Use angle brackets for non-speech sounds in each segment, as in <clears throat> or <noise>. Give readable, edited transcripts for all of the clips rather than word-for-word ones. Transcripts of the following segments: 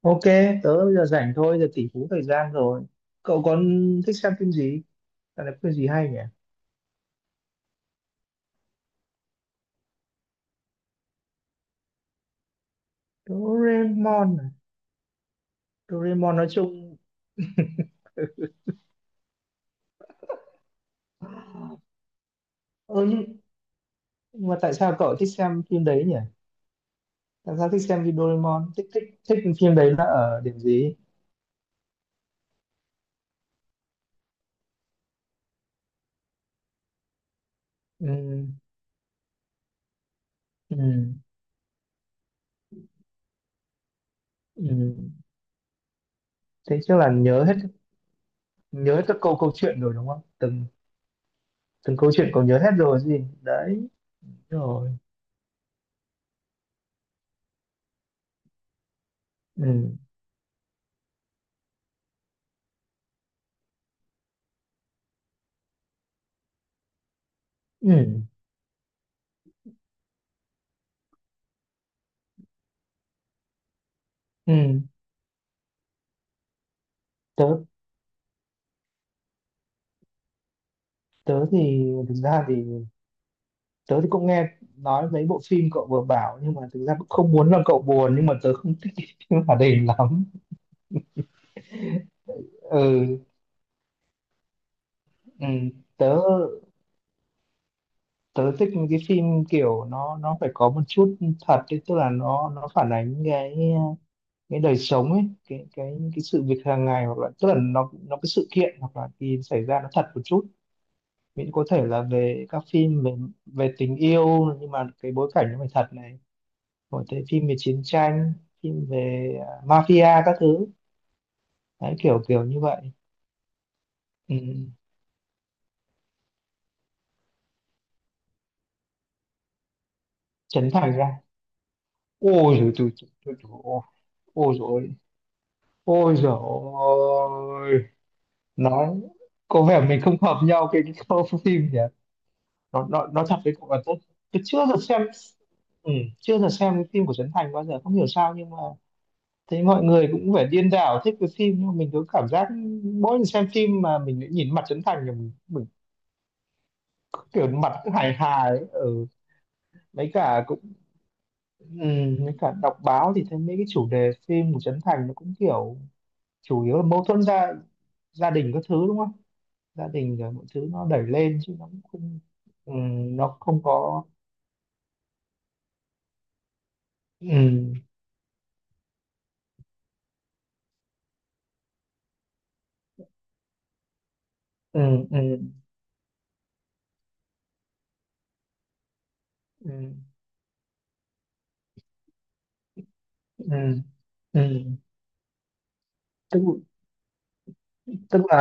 Ok, tớ bây giờ rảnh thôi, giờ tỷ phú thời gian rồi. Cậu còn thích xem phim gì? Dạo này có phim gì hay nhỉ? Doraemon à? Doraemon nói chung... Ơ nhưng mà tại sao cậu thích xem phim đấy nhỉ? Tại sao thích xem phim Doraemon? Thích phim đấy là ở điểm gì? Ừ, ừ, ừ. Thế chắc là nhớ hết các câu câu chuyện rồi đúng không? Từng từng câu chuyện cậu nhớ hết rồi gì? Đấy, rồi. Ừ, ừ, ừ. Tớ tớ thì thực ra thì tớ thì cũng nghe nói mấy bộ phim cậu vừa bảo nhưng mà thực ra cũng không muốn làm cậu buồn nhưng mà tớ không thích cái <laughs> phim hoạt hình lắm. Ừ, ừ tớ tớ thích những cái phim kiểu nó phải có một chút thật ấy, tức là nó phản ánh cái đời sống ấy, cái sự việc hàng ngày hoặc là tức là nó cái sự kiện hoặc là cái xảy ra nó thật một chút, miễn có thể là về các phim về về tình yêu nhưng mà cái bối cảnh nó phải thật này, có thể phim về chiến tranh, phim về mafia các thứ đấy, kiểu kiểu như vậy. Ừ. Chấn Thành ra ôi rồi tôi ôi rồi ôi rồi nói có vẻ mình không hợp nhau cái câu phim nhỉ, nó thật với cậu là tôi chưa được xem. Ừ, chưa được xem cái phim của Trấn Thành bao giờ không hiểu sao nhưng mà thấy mọi người cũng vẻ điên đảo thích cái phim nhưng mà mình cứ cảm giác mỗi lần xem phim mà mình lại nhìn mặt Trấn Thành thì mình kiểu mặt cứ hài hài ở ừ. Mấy cả cũng ừ, với cả đọc báo thì thấy mấy cái chủ đề phim của Trấn Thành nó cũng kiểu chủ yếu là mâu thuẫn gia gia đình các thứ đúng không? Gia đình rồi mọi thứ nó đẩy lên chứ nó cũng không ừ, nó không có ừ, ừ, ừ, ừ, ừ, ừ. tức tức là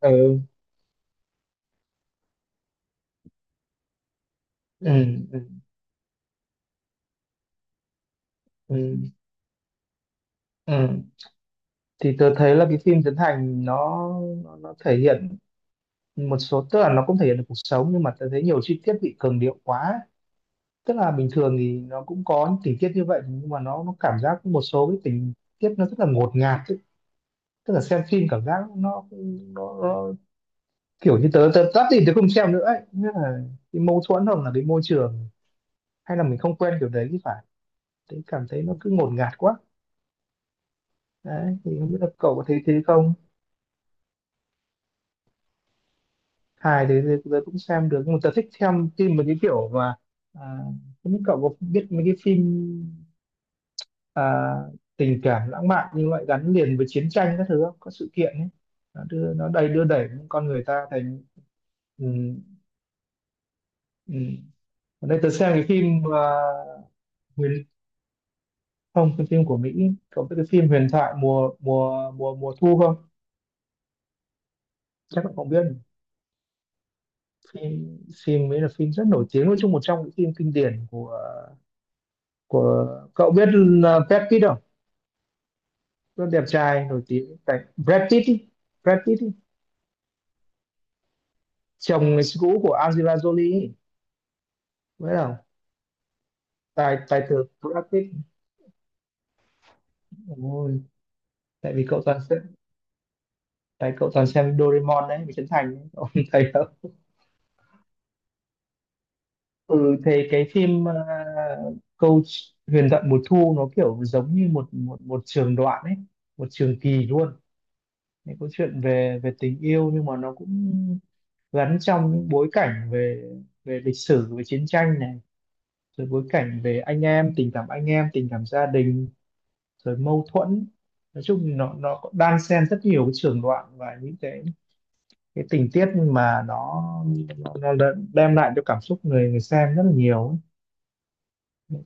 ừ, ừ, ừ, ừ, ừ. Thì tôi thấy là cái phim Trấn Thành nó thể hiện một số tức là nó cũng thể hiện được cuộc sống nhưng mà tôi thấy nhiều chi tiết bị cường điệu quá, tức là bình thường thì nó cũng có những tình tiết như vậy nhưng mà nó cảm giác một số cái tình tiết nó rất là ngột ngạt tức là xem phim cảm giác nó kiểu như tớ tớ tắt thì tớ không xem nữa ấy, nghĩa là cái mâu thuẫn hoặc là cái môi trường hay là mình không quen kiểu đấy thì phải, tớ cảm thấy nó cứ ngột ngạt quá. Đấy thì không biết là cậu có thấy thế không? Hài thì tớ tớ cũng xem được nhưng mà tớ thích xem phim một cái kiểu mà à, không biết cậu có biết mấy cái phim à, tình cảm lãng mạn như vậy gắn liền với chiến tranh các thứ không? Có sự kiện ấy nó đưa nó đầy đưa đẩy con người ta thành ừ, ừ. Ở đây tớ xem cái phim huyền không cái phim của Mỹ, có cái phim Huyền Thoại mùa mùa mùa mùa Thu không? Chắc là không biết. Phim phim ấy là phim rất nổi tiếng, nói chung một trong những phim kinh điển của cậu, biết là Brad Pitt không? Rất đẹp trai nổi tiếng tại Brad Pitt ý. Brad Pitt ý. Chồng người cũ của Angelina Jolie ấy. Biết không? Tài tài tử Brad Pitt. Ôi, tại vì cậu toàn xem, tại cậu toàn xem Doraemon đấy với Trấn Thành đấy. Cậu <laughs> thấy không? Ừ thì cái phim câu Huyền Thoại Mùa Thu nó kiểu giống như một một một trường đoạn ấy, một trường kỳ luôn, những câu chuyện về về tình yêu nhưng mà nó cũng gắn trong những bối cảnh về về lịch sử, về chiến tranh này, rồi bối cảnh về anh em, tình cảm anh em, tình cảm gia đình, rồi mâu thuẫn. Nói chung nó có đan xen rất nhiều cái trường đoạn và những cái tình tiết mà nó đã đem lại cho cảm xúc người người xem rất là nhiều ấy.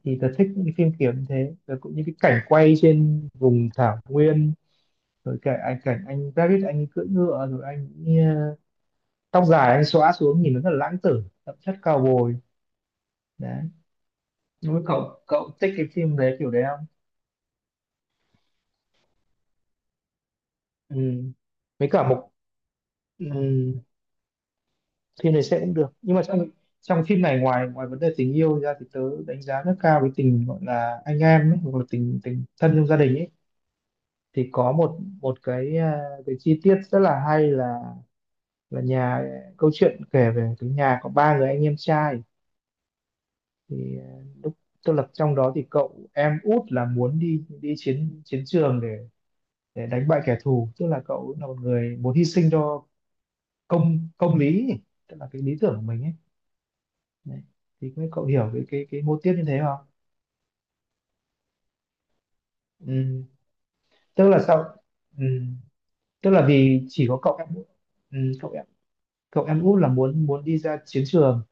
Thì tớ thích những cái phim kiểu như thế, rồi cũng như cái cảnh quay trên vùng thảo nguyên, rồi cảnh anh David anh cưỡi ngựa rồi anh tóc dài anh xõa xuống nhìn nó rất là lãng tử đậm chất cao bồi. Đấy, đúng cậu cậu thích cái phim đấy kiểu đấy không? Ừ, với cả một ừ, phim này sẽ cũng được nhưng mà trong trong phim này ngoài ngoài vấn đề tình yêu ra thì tớ đánh giá rất cao cái tình gọi là anh em ấy, hoặc là tình tình thân trong gia đình ấy, thì có một một cái cái chi tiết rất là hay là nhà câu chuyện kể về cái nhà có ba người anh em trai, thì lúc tức là trong đó thì cậu em út là muốn đi đi chiến chiến trường để đánh bại kẻ thù, tức là cậu là một người muốn hy sinh cho công công lý, tức là cái lý tưởng của mình ấy. Đấy, thì không biết cậu hiểu cái mô tiếp như thế không? Ừm, Tức là sao? Ừm, Tức là vì chỉ có cậu em út, ừm, cậu em út là muốn muốn đi ra chiến trường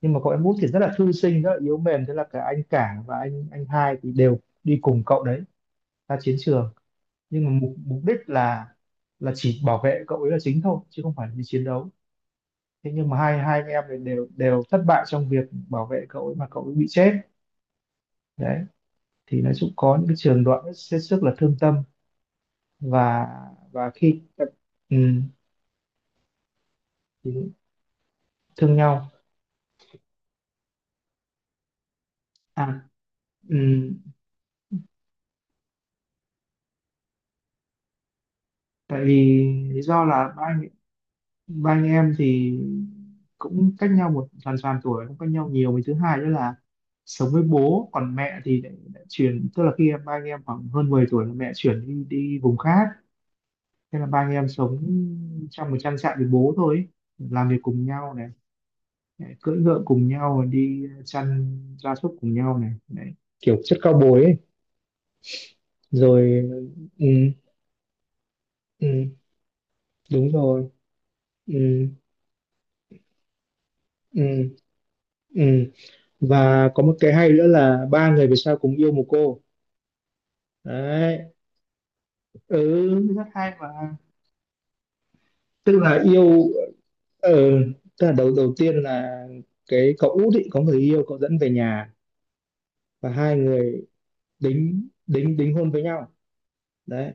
nhưng mà cậu em út thì rất là thư sinh, rất là yếu mềm, thế là cả anh cả và anh hai thì đều đi cùng cậu đấy ra chiến trường, nhưng mà mục mục đích là chỉ bảo vệ cậu ấy là chính thôi chứ không phải là đi chiến đấu. Thế nhưng mà hai hai anh em này đều đều thất bại trong việc bảo vệ cậu ấy mà cậu ấy bị chết. Đấy thì nói chung có những cái trường đoạn hết sức là thương tâm, và và khi ừm, thương nhau à ừm, tại vì lý do là ba anh em thì cũng cách nhau một hoàn toàn tuổi cũng cách nhau nhiều, với thứ hai nữa là sống với bố còn mẹ thì lại chuyển, tức là khi em ba anh em khoảng hơn 10 tuổi là mẹ chuyển đi đi vùng khác, thế là ba anh em sống trong một trang trại với bố thôi ấy. Làm việc cùng nhau này, lại cưỡi ngựa cùng nhau đi chăn gia súc cùng nhau này đấy, kiểu chất cao bồi ấy, rồi ừ, ừ, đúng rồi ừ, ừ, ừ. Và có một cái hay nữa là ba người về sau cùng yêu một cô. Đấy, ừ rất hay mà. Tức là yêu ờ, tức là đầu đầu tiên là cái cậu út ý, có người yêu cậu dẫn về nhà và hai người đính đính đính hôn với nhau. Đấy,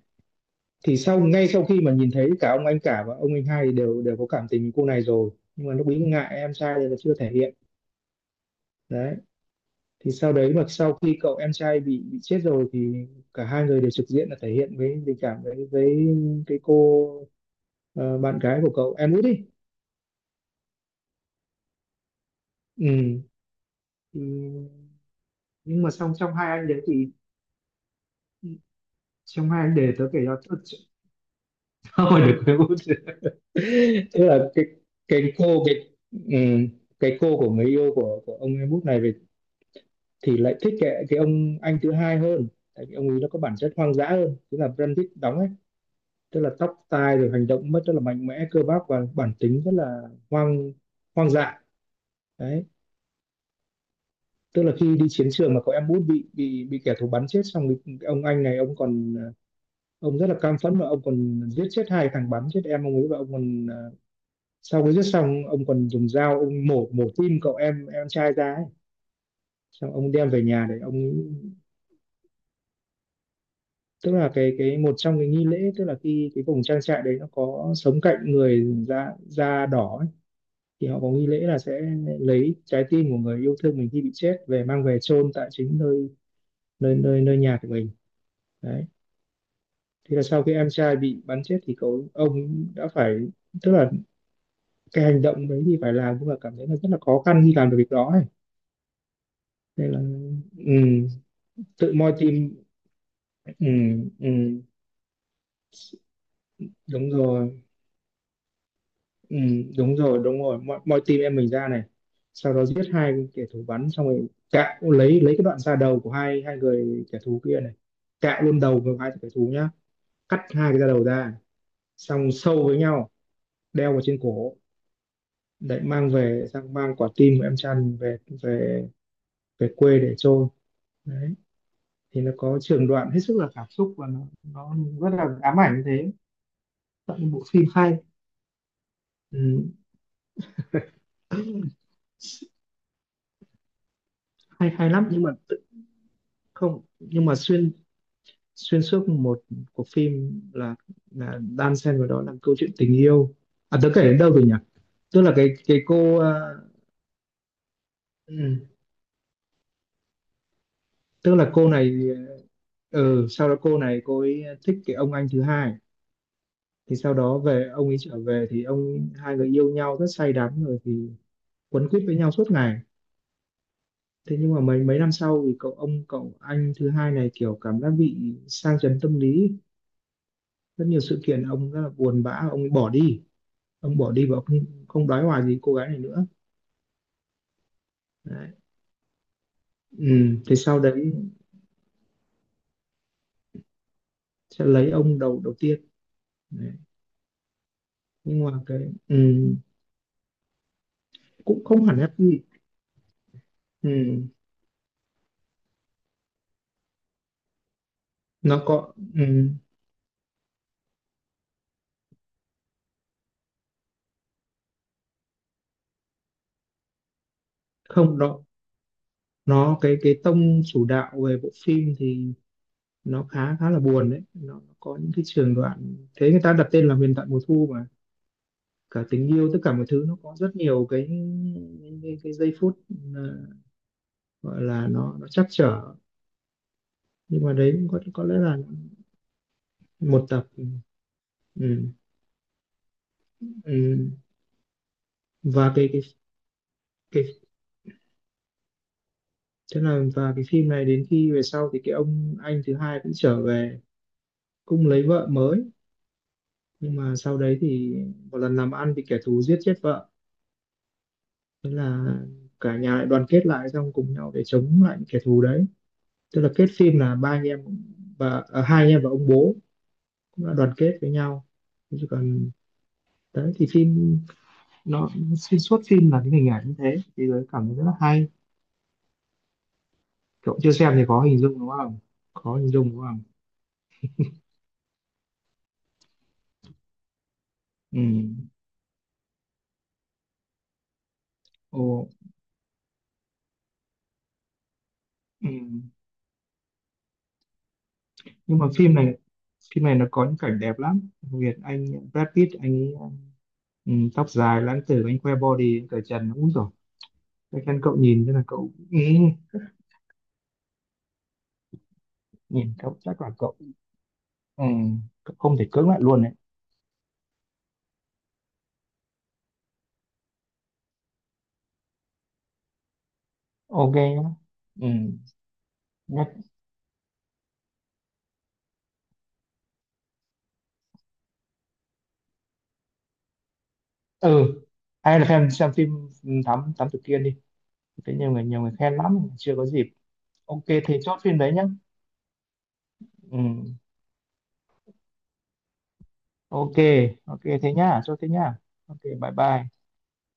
thì sau ngay sau khi mà nhìn thấy cả ông anh cả và ông anh hai thì đều đều có cảm tình với cô này rồi nhưng mà lúc ấy ngại em trai nên là chưa thể hiện. Đấy, thì sau đấy mà sau khi cậu em trai bị chết rồi thì cả hai người đều trực diện là thể hiện với tình cảm với cái cô bạn gái của cậu em út đi. Ừ. Ừ. Nhưng mà xong trong hai anh đấy thì trong hai anh để tớ kể cho tớ <laughs> tớ hỏi được em út <laughs> tức là cái cô cái ừ, cái cô của người yêu của ông em út này về thì lại thích cái ông anh thứ hai hơn, tại vì ông ấy nó có bản chất hoang dã hơn, tức là Brad Pitt đóng, tức là tóc tai rồi hành động mất rất là mạnh mẽ cơ bắp và bản tính rất là hoang hoang dại. Đấy, tức là khi đi chiến trường mà có em út bị kẻ thù bắn chết xong thì ông anh này ông còn ông rất là cam phẫn và ông còn giết chết hai thằng bắn chết em ông ấy và ông còn sau khi giết xong ông còn dùng dao ông mổ mổ tim cậu em trai ra ấy. Xong ông đem về nhà để ông, tức là cái một trong cái nghi lễ, tức là khi cái vùng trang trại đấy nó có sống cạnh người da da đỏ thì họ có nghi lễ là sẽ lấy trái tim của người yêu thương mình khi bị chết về, mang về chôn tại chính nơi nơi nơi nơi nhà của mình, đấy. Thế là sau khi em trai bị bắn chết thì cậu ông đã phải, tức là cái hành động đấy thì phải làm nhưng mà cảm thấy là rất là khó khăn khi làm được việc đó ấy. Nên là ừ, tự moi tim. Ừ, ừ, đúng rồi. Ừ, đúng rồi, đúng rồi, mọi, mọi team em mình ra này, sau đó giết hai kẻ thù bắn xong rồi, cạo lấy cái đoạn da đầu của hai hai người kẻ thù kia này, cạo luôn đầu của hai kẻ thù nhá, cắt hai cái da đầu ra, xong sâu với nhau, đeo vào trên cổ để mang về, sang mang quả tim của em Trăn về, về, về quê để chôn, đấy. Thì nó có trường đoạn hết sức là cảm xúc và nó rất là ám ảnh thế, tận bộ phim hay. Ừ. <clears throat> Hay hay lắm nhưng mà không, nhưng mà xuyên xuyên suốt một cuộc phim là đan xen vào đó là câu chuyện tình yêu. À, tớ kể đến đâu rồi nhỉ? Tức là cái cô, ừ, tức là cô này, ừ, sau đó cô này, cô ấy thích cái ông anh thứ hai, thì sau đó về ông ấy trở về thì ông, hai người yêu nhau rất say đắm rồi thì quấn quýt với nhau suốt ngày. Thế nhưng mà mấy mấy năm sau thì cậu ông, cậu anh thứ hai này kiểu cảm giác bị sang chấn tâm lý, rất nhiều sự kiện ông rất là buồn bã, ông ấy bỏ đi, ông bỏ đi và ông không không đoái hoài gì cô gái này nữa, đấy. Ừ. Thì sau đấy sẽ lấy ông đầu đầu tiên, đấy. Nhưng mà cái ừ. Cũng không hẳn happy. Ừ. Nó có ừ. Không đó, nó cái tông chủ đạo về bộ phim thì nó khá khá là buồn đấy, nó có những cái trường đoạn, thế người ta đặt tên là huyền thoại mùa thu mà, cả tình yêu tất cả mọi thứ nó có rất nhiều cái, cái giây phút ờ, gọi là nó trắc trở, nhưng mà đấy cũng có lẽ là một tập. Ừ, ừ. Và cái thế là, và cái phim này đến khi về sau thì cái ông anh thứ hai cũng trở về, cũng lấy vợ mới, nhưng mà sau đấy thì một lần làm ăn thì kẻ thù giết chết vợ, thế là cả nhà lại đoàn kết lại, xong cùng nhau để chống lại kẻ thù đấy. Tức là kết phim là ba anh em và à, hai anh em và ông bố cũng đã đoàn kết với nhau. Thế chứ còn đấy thì phim nó, xuyên suốt phim là cái hình ảnh như thế thì tôi cảm thấy rất là hay. Cậu chưa xem thì có hình dung đúng không, có hình dung đúng không? Ừ. Ồ. Ừ. Nhưng mà phim này, phim này nó có những cảnh đẹp lắm, đặc biệt anh Brad Pitt anh ấy, ừ, tóc dài lãng tử, anh khoe body, anh cởi trần úi rồi, chắc chắn cậu nhìn thế là cậu ừ, nhìn cậu chắc là cậu ừ, cậu không thể cưỡng lại luôn đấy. Ok nhá. Ừ, nhắc. Ừ, ai là fan xem phim thám thám tử Kiên đi, thế nhiều người khen lắm, chưa có dịp. Ok, thế chốt phim đấy nhá. Ừ. Ok. Ok thế nhá, chốt thế nhá. Ok bye bye.